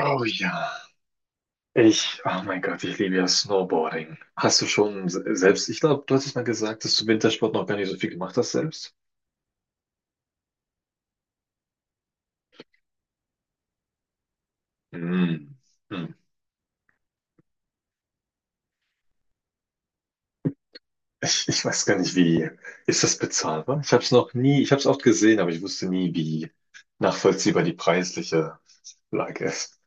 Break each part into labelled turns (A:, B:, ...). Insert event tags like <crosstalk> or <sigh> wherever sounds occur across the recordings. A: Oh ja, ich, oh mein Gott, ich liebe ja Snowboarding. Hast du schon selbst, ich glaube, du hattest mal gesagt, dass du Wintersport noch gar nicht so viel gemacht hast selbst? Hm. Hm. Ich weiß gar nicht, wie. Ist das bezahlbar? Ich habe es noch nie, ich habe es oft gesehen, aber ich wusste nie, wie nachvollziehbar die preisliche Lage ist.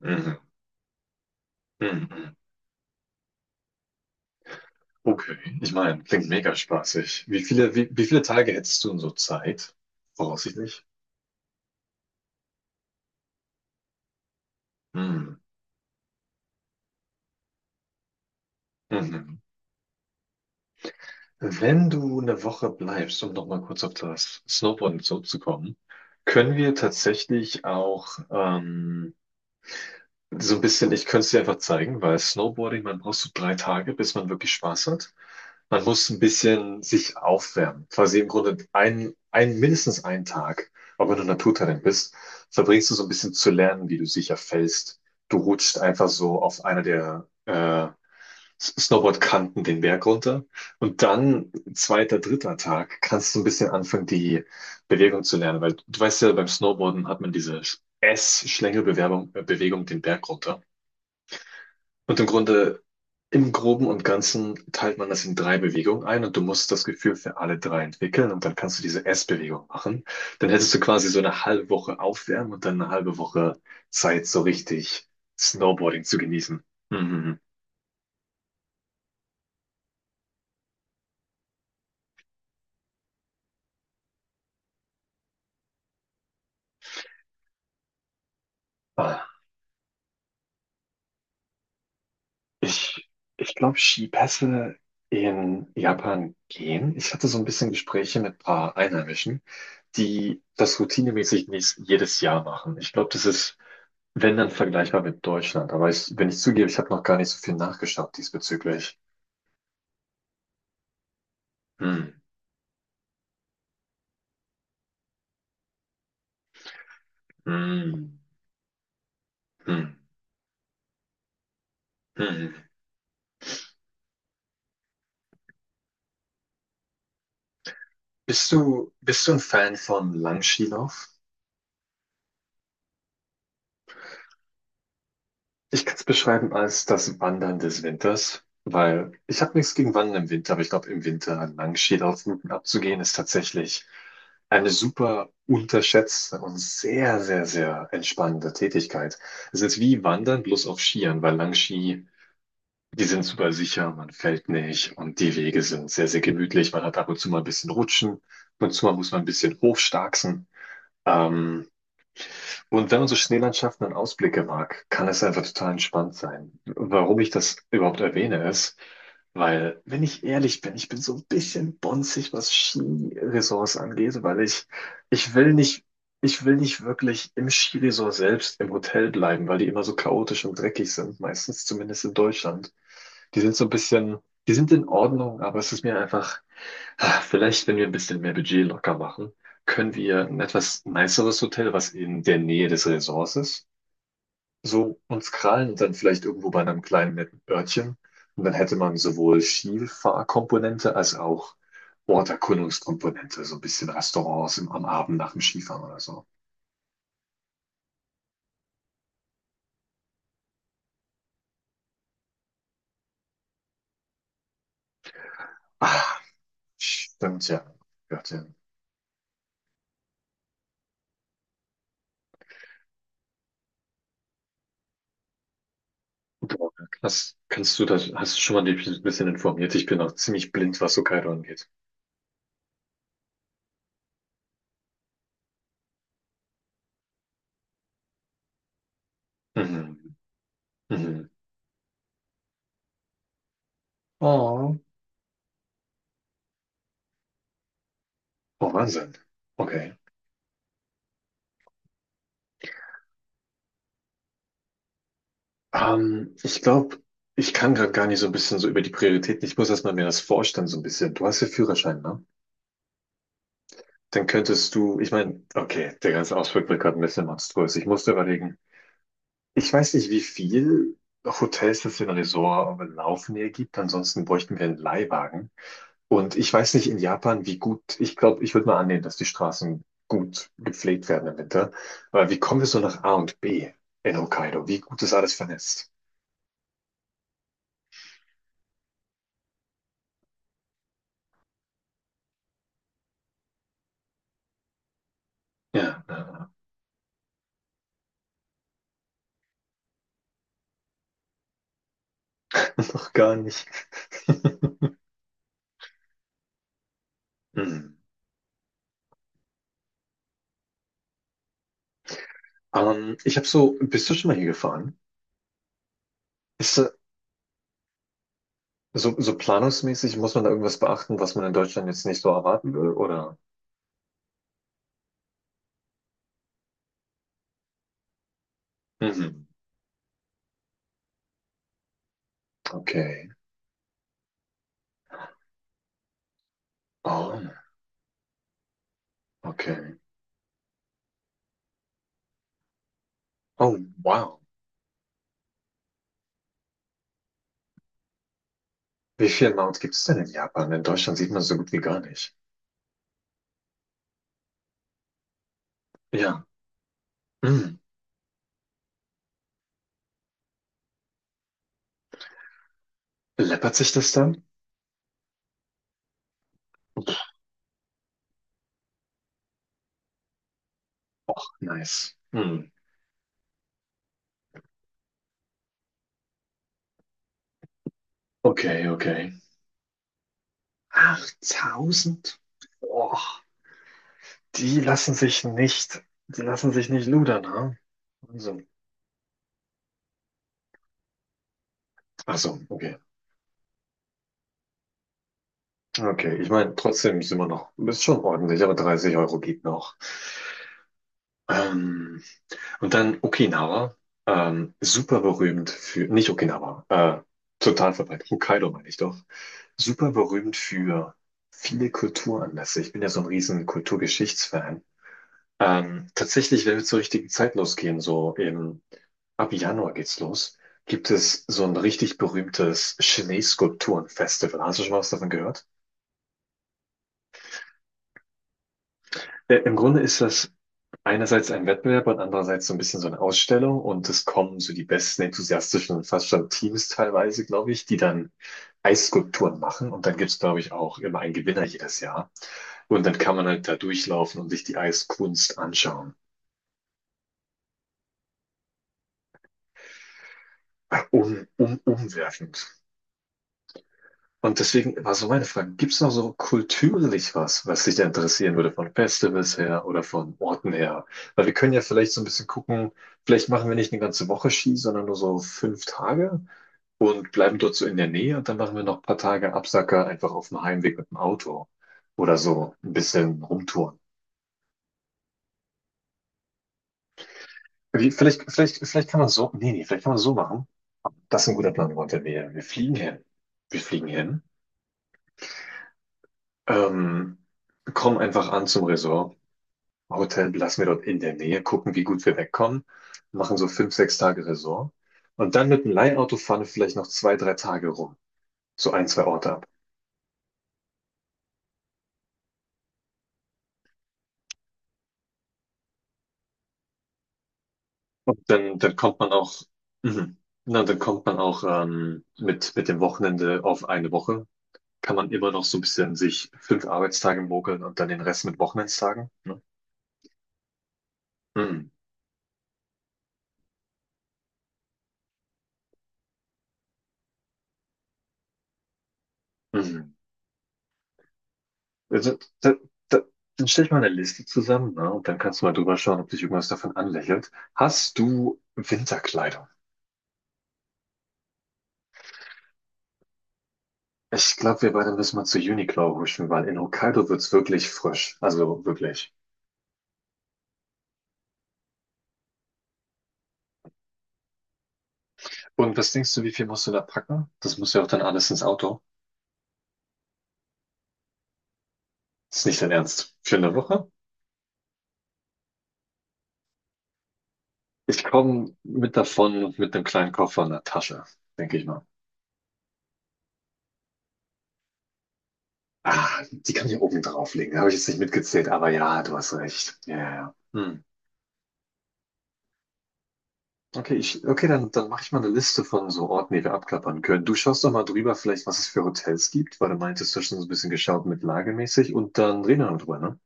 A: Mhm. Mhm. Okay, ich meine, klingt mega spaßig. Wie viele Tage hättest du in so Zeit? Voraussichtlich? Mhm. Mhm. Wenn du eine Woche bleibst, um nochmal kurz auf das Snowboarden zurückzukommen, können wir tatsächlich auch so ein bisschen, ich könnte es dir einfach zeigen, weil Snowboarding, man braucht so 3 Tage, bis man wirklich Spaß hat. Man muss ein bisschen sich aufwärmen. Quasi im Grunde mindestens einen Tag, auch wenn du Naturtalent bist, verbringst du so ein bisschen zu lernen, wie du sicher fällst. Du rutscht einfach so auf einer der Snowboardkanten den Berg runter. Und dann, zweiter, dritter Tag, kannst du ein bisschen anfangen, die Bewegung zu lernen. Weil du weißt ja, beim Snowboarden hat man diese Bewegung den Berg runter. Und im Grunde, im Groben und Ganzen teilt man das in 3 Bewegungen ein und du musst das Gefühl für alle drei entwickeln und dann kannst du diese S-Bewegung machen. Dann hättest du quasi so eine halbe Woche aufwärmen und dann eine halbe Woche Zeit, so richtig Snowboarding zu genießen. Mhm. Ah, Ich, ich glaube, Skipässe in Japan gehen. Ich hatte so ein bisschen Gespräche mit ein paar Einheimischen, die das routinemäßig nicht jedes Jahr machen. Ich glaube, das ist wenn dann vergleichbar mit Deutschland. Aber ich, wenn ich zugebe, ich habe noch gar nicht so viel nachgeschaut diesbezüglich. Hm, hm, hm, hm. Bist du ein Fan von Langskilauf? Ich kann es beschreiben als das Wandern des Winters, weil ich habe nichts gegen Wandern im Winter, aber ich glaube, im Winter Langskilaufrouten abzugehen, ist tatsächlich eine super unterschätzte und sehr, sehr, sehr entspannende Tätigkeit. Es ist wie Wandern, bloß auf Skiern, weil Langski. Die sind super sicher, man fällt nicht und die Wege sind sehr, sehr gemütlich. Man hat ab und zu mal ein bisschen Rutschen, ab und zu mal muss man ein bisschen hochstarksen. Ähm, und wenn man so Schneelandschaften und Ausblicke mag, kann es einfach total entspannt sein. Warum ich das überhaupt erwähne, ist, weil, wenn ich ehrlich bin, ich bin so ein bisschen bonzig, was Skiresorts angeht, weil ich, ich will nicht, ich will nicht wirklich im Skiresort selbst im Hotel bleiben, weil die immer so chaotisch und dreckig sind, meistens zumindest in Deutschland. Die sind so ein bisschen, die sind in Ordnung, aber es ist mir einfach, vielleicht, wenn wir ein bisschen mehr Budget locker machen, können wir ein etwas niceres Hotel, was in der Nähe des Resorts ist, so uns krallen und dann vielleicht irgendwo bei einem kleinen netten Örtchen. Und dann hätte man sowohl Skifahrkomponente als auch Orterkundungskomponente, so ein bisschen Restaurants im, am Abend nach dem Skifahren oder so. Ah, stimmt ja. Örtchen. Boah, krass. Kannst du das, hast du schon mal dich ein bisschen informiert? Ich bin auch ziemlich blind, was Hokkaido angeht. Mhm. Mhm. Oh. Oh, Wahnsinn. Okay. Ich glaube, ich kann gerade gar nicht so ein bisschen so über die Prioritäten. Ich muss erstmal mir das vorstellen, so ein bisschen. Du hast ja Führerschein, ne? Dann könntest du, ich meine, okay, der ganze Ausflug wird gerade ein bisschen monströs. Ich musste überlegen, ich weiß nicht, wie viel Hotels es in Resort laufen hier gibt. Ansonsten bräuchten wir einen Leihwagen. Und ich weiß nicht in Japan, wie gut, ich glaube, ich würde mal annehmen, dass die Straßen gut gepflegt werden im Winter. Aber wie kommen wir so nach A und B in Hokkaido? Wie gut ist alles vernetzt? Ja, noch gar nicht. <laughs> Hm. Ich habe so, bist du schon mal hier gefahren? Ist so planungsmäßig, muss man da irgendwas beachten, was man in Deutschland jetzt nicht so erwarten will, oder? Mhm. Okay. Oh, okay. Oh, wow. Wie viele Mounts gibt es denn in Japan? In Deutschland sieht man so gut wie gar nicht. Ja. Läppert sich das dann? Pff, nice. Hm. Okay, okay. 8.000? Boah, die lassen sich nicht, die lassen sich nicht ludern, ha? Wahnsinn. Ach so, okay. Okay, ich meine, trotzdem sind wir noch, ist schon ordentlich, aber 30 Euro geht noch. Ähm, und dann Okinawa, super berühmt für, nicht Okinawa, total verbreitet, Hokkaido meine ich doch, super berühmt für viele Kulturanlässe. Ich bin ja so ein riesen Kulturgeschichtsfan. Tatsächlich, wenn wir zur richtigen Zeit losgehen, so im, ab Januar geht's los, gibt es so ein richtig berühmtes Schneeskulpturenfestival. Hast du schon mal was davon gehört? Im Grunde ist das einerseits ein Wettbewerb und andererseits so ein bisschen so eine Ausstellung und es kommen so die besten enthusiastischen und fast schon Teams teilweise, glaube ich, die dann Eisskulpturen machen und dann gibt's, glaube ich, auch immer einen Gewinner jedes Jahr. Und dann kann man halt da durchlaufen und sich die Eiskunst anschauen. Umwerfend. Und deswegen war so meine Frage, gibt es noch so kulturlich was, was dich da interessieren würde, von Festivals her oder von Orten her? Weil wir können ja vielleicht so ein bisschen gucken, vielleicht machen wir nicht eine ganze Woche Ski, sondern nur so 5 Tage und bleiben dort so in der Nähe und dann machen wir noch ein paar Tage Absacker einfach auf dem Heimweg mit dem Auto oder so ein bisschen rumtouren. Vielleicht, vielleicht, vielleicht kann man so, nee, nee, vielleicht kann man so machen. Das ist ein guter Plan, Walter. Wir fliegen hin. Wir fliegen hin. Ähm, kommen einfach an zum Resort. Hotel lassen wir dort in der Nähe, gucken, wie gut wir wegkommen, machen so 5, 6 Tage Resort und dann mit dem Leihauto fahren wir vielleicht noch 2, 3 Tage rum, so ein, zwei Orte ab. Und dann kommt man auch, mhm, na, dann kommt man auch mit dem Wochenende auf eine Woche, kann man immer noch so ein bisschen sich 5 Arbeitstage mogeln und dann den Rest mit Wochenendstagen. Ne? Mhm, mhm. Also, da, dann stell ich mal eine Liste zusammen, ne? Und dann kannst du mal drüber schauen, ob dich irgendwas davon anlächelt. Hast du Winterkleidung? Ich glaube, wir beide müssen mal zu Uniqlo huschen, weil in Hokkaido wird's wirklich frisch. Also wirklich. Und was denkst du, wie viel musst du da packen? Das muss ja auch dann alles ins Auto. Ist nicht dein Ernst. Für eine Woche? Ich komme mit davon und mit einem kleinen Koffer und einer Tasche, denke ich mal. Ah, die kann ich oben drauflegen. Habe ich jetzt nicht mitgezählt, aber ja, du hast recht. Ja, ja. Ja. Hm. Okay, ich, okay, dann mache ich mal eine Liste von so Orten, die wir abklappern können. Du schaust doch mal drüber, vielleicht, was es für Hotels gibt, weil du meintest, du hast schon so ein bisschen geschaut mit lagemäßig und dann reden wir noch drüber, ne?